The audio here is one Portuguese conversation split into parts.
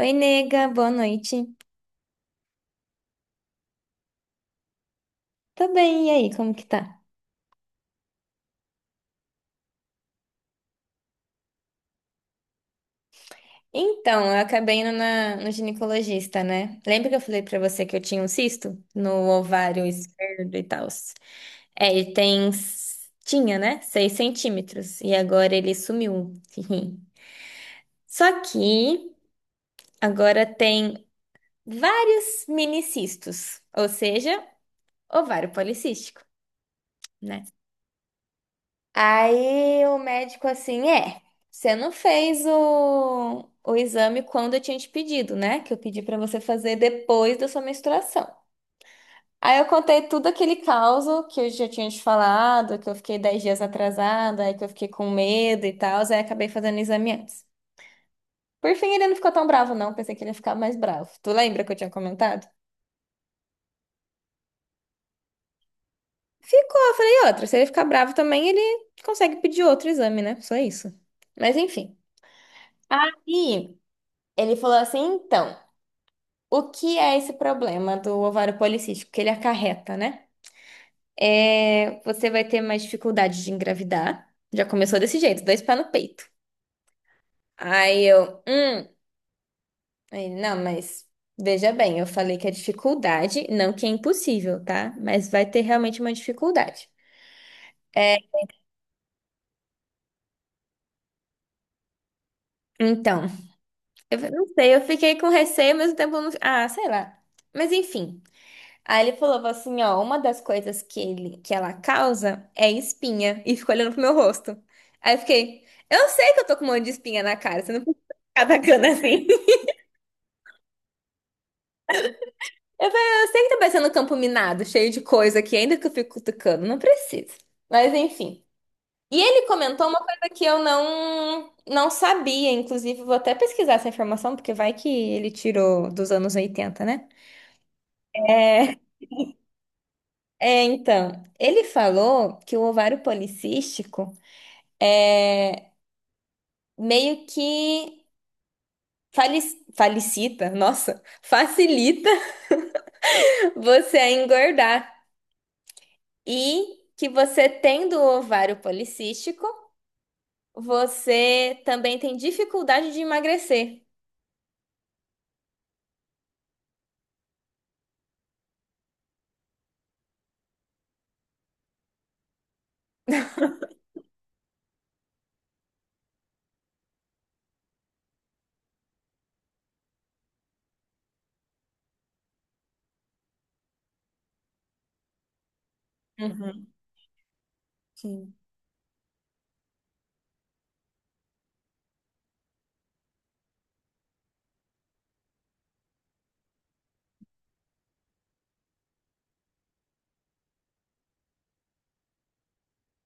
Oi, nega, boa noite. Tô bem, e aí, como que tá? Então, eu acabei indo no ginecologista, né? Lembra que eu falei pra você que eu tinha um cisto no ovário esquerdo e tal? É, tinha, né? 6 cm. E agora ele sumiu. Só que agora tem vários minicistos, ou seja, ovário policístico, né? Aí o médico assim, você não fez o exame quando eu tinha te pedido, né? Que eu pedi pra você fazer depois da sua menstruação. Aí eu contei tudo aquele caos que eu já tinha te falado, que eu fiquei 10 dias atrasada, aí que eu fiquei com medo e tal, aí acabei fazendo o exame antes. Por fim, ele não ficou tão bravo, não. Pensei que ele ia ficar mais bravo. Tu lembra que eu tinha comentado? Ficou, eu falei outra. Se ele ficar bravo também, ele consegue pedir outro exame, né? Só isso. Mas enfim. Aí. Ele falou assim: então, o que é esse problema do ovário policístico que ele acarreta, né? É, você vai ter mais dificuldade de engravidar. Já começou desse jeito, dois pés no peito. Aí eu. Aí ele, não, mas veja bem, eu falei que é dificuldade, não que é impossível, tá? Mas vai ter realmente uma dificuldade. É, então, eu não sei, eu fiquei com receio, mas o tempo eu não. Ah, sei lá. Mas enfim. Aí ele falou assim, ó, uma das coisas que ela causa é espinha. E ficou olhando pro meu rosto. Aí eu fiquei, eu sei que eu tô com um monte de espinha na cara, você não precisa ficar atacando assim. Eu falei, "Ah, eu sei que tá parecendo um campo minado, cheio de coisa aqui, ainda que eu fico cutucando, não precisa. Mas enfim. E ele comentou uma coisa que eu não sabia, inclusive vou até pesquisar essa informação, porque vai que ele tirou dos anos 80, né? É, então, ele falou que o ovário policístico é, meio que facilita você a engordar. E que você tendo o ovário policístico, você também tem dificuldade de emagrecer. Uhum. Sim.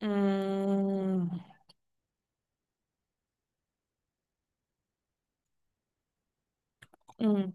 Hum, hum.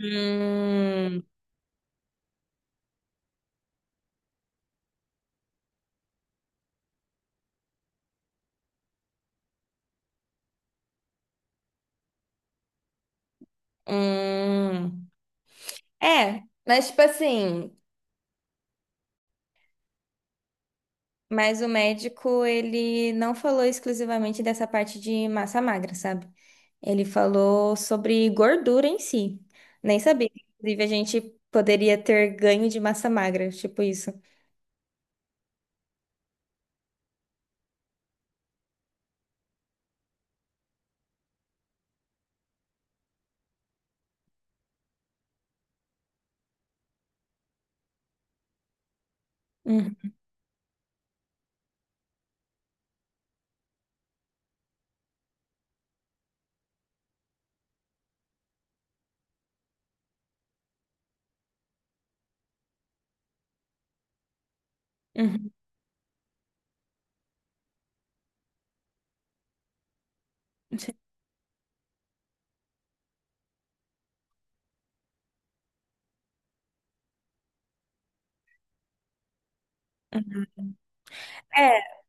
Hum, hum. É, mas tipo assim. Mas o médico, ele não falou exclusivamente dessa parte de massa magra, sabe? Ele falou sobre gordura em si. Nem sabia que inclusive, a gente poderia ter ganho de massa magra, tipo isso. Uhum, uhum. É,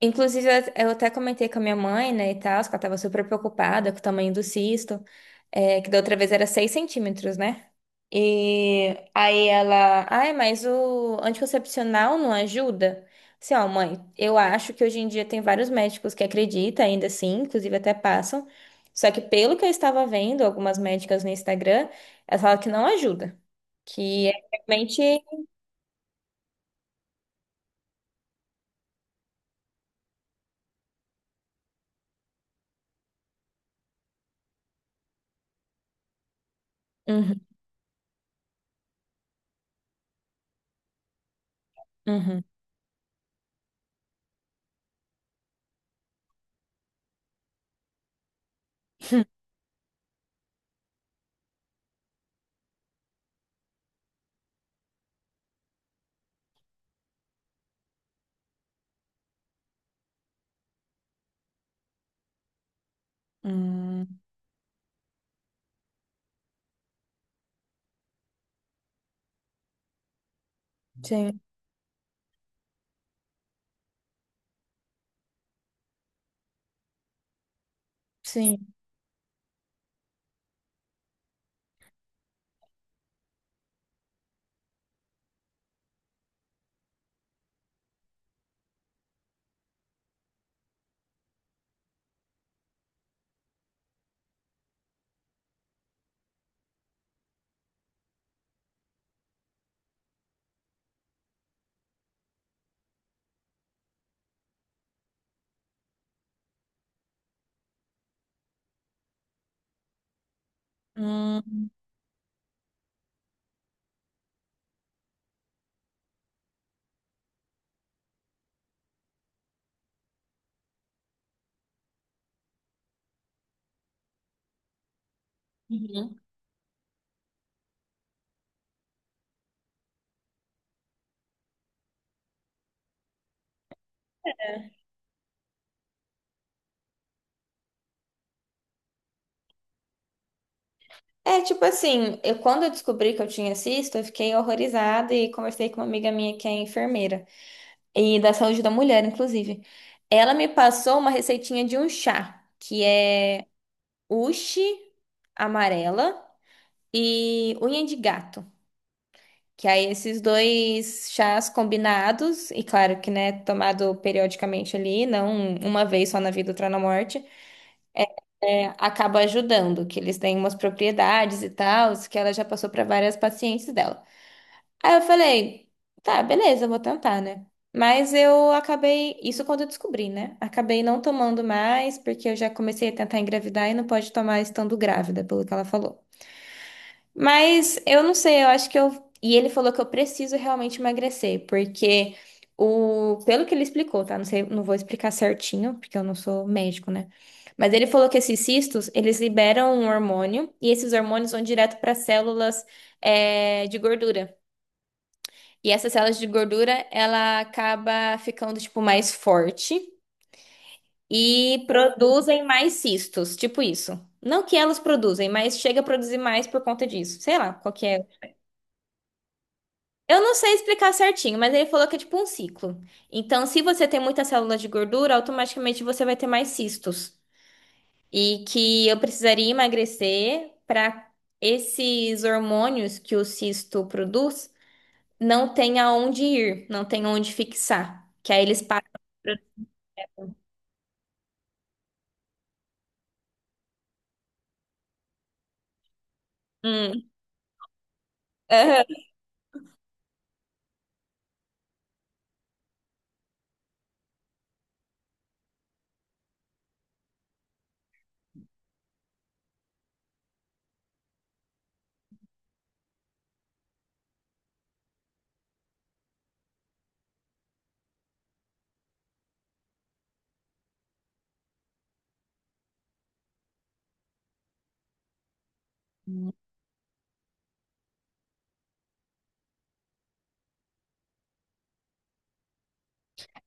inclusive eu até comentei com a minha mãe, né, e tal, que ela tava super preocupada com o tamanho do cisto, que da outra vez era 6 cm, né? E aí ela, ai, mas o anticoncepcional não ajuda? Assim, ó, mãe, eu acho que hoje em dia tem vários médicos que acreditam ainda assim, inclusive até passam. Só que pelo que eu estava vendo, algumas médicas no Instagram, elas falam que não ajuda. Que é realmente. Uhum, uhum. Hum, sim, sim. Hum, uhum. É, tipo assim, eu, quando eu descobri que eu tinha cisto, eu fiquei horrorizada e conversei com uma amiga minha que é enfermeira, e da saúde da mulher, inclusive. Ela me passou uma receitinha de um chá, que é uxi amarela e unha de gato. Que aí esses dois chás combinados, e claro que, né, tomado periodicamente ali, não uma vez só na vida, outra na morte, acaba ajudando, que eles têm umas propriedades e tal, que ela já passou para várias pacientes dela. Aí eu falei, tá, beleza, eu vou tentar, né? Mas eu acabei, isso quando eu descobri, né? Acabei não tomando mais, porque eu já comecei a tentar engravidar e não pode tomar estando grávida, pelo que ela falou. Mas eu não sei, eu acho que eu. E ele falou que eu preciso realmente emagrecer, porque o. Pelo que ele explicou, tá? Não sei, não vou explicar certinho, porque eu não sou médico, né? Mas ele falou que esses cistos, eles liberam um hormônio, e esses hormônios vão direto para células, de gordura. E essas células de gordura, ela acaba ficando, tipo, mais forte e produzem mais cistos, tipo isso. Não que elas produzem, mas chega a produzir mais por conta disso. Sei lá, qual que é. Eu não sei explicar certinho, mas ele falou que é tipo um ciclo. Então, se você tem muita célula de gordura, automaticamente você vai ter mais cistos. E que eu precisaria emagrecer para esses hormônios que o cisto produz não tenha onde ir, não tenha onde fixar. Que aí eles param. Hum, aham.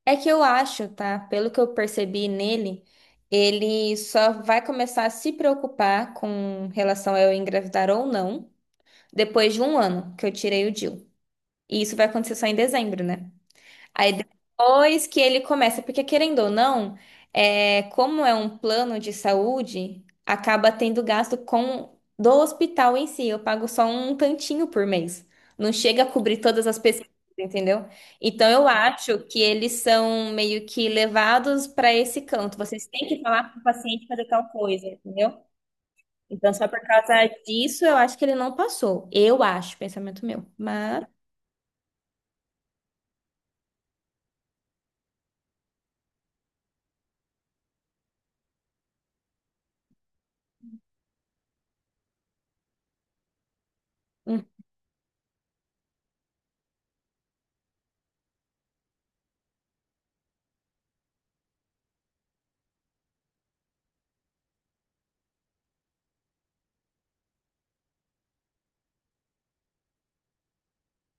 É que eu acho, tá? Pelo que eu percebi nele, ele só vai começar a se preocupar com relação a eu engravidar ou não depois de um ano que eu tirei o DIU. E isso vai acontecer só em dezembro, né? Aí depois que ele começa, porque querendo ou não, como é um plano de saúde, acaba tendo gasto com do hospital em si. Eu pago só um tantinho por mês. Não chega a cobrir todas as pesquisas, entendeu? Então eu acho que eles são meio que levados para esse canto. Vocês têm que falar para o paciente fazer tal coisa, entendeu? Então só por causa disso eu acho que ele não passou. Eu acho, pensamento meu. Mas. hum,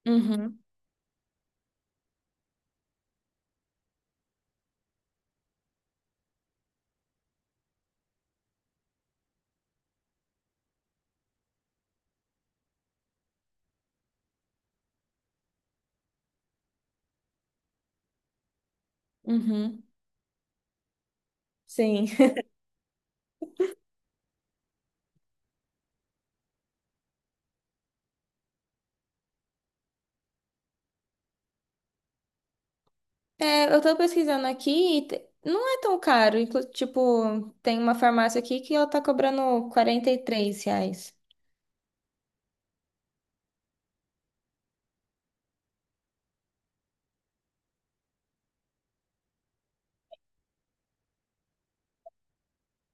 Uhum, uhum, sim. É, eu tô pesquisando aqui e não é tão caro. Tipo, tem uma farmácia aqui que ela tá cobrando R$ 43.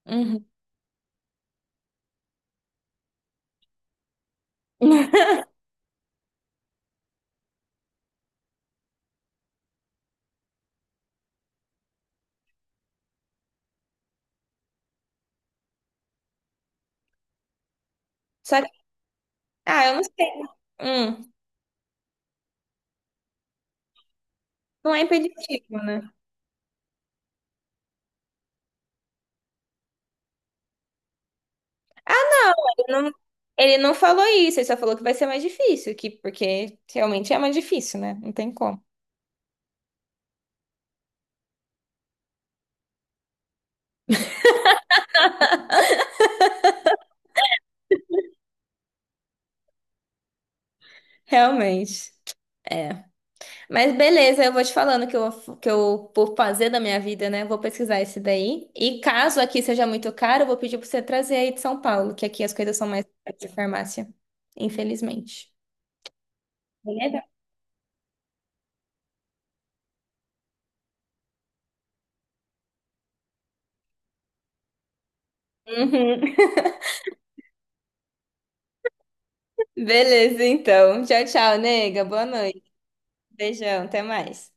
Uhum. Só que, ah, eu não sei. Hum, não é impeditivo, né? Ele não, ele não falou isso, ele só falou que vai ser mais difícil, que, porque realmente é mais difícil, né? Não tem como. Realmente. É. Mas beleza, eu vou te falando que eu, por fazer da minha vida, né? Vou pesquisar esse daí. E caso aqui seja muito caro, eu vou pedir pra você trazer aí de São Paulo, que aqui as coisas são mais caras de farmácia, infelizmente. Beleza? Uhum. Beleza, então. Tchau, tchau, nega. Boa noite. Beijão, até mais.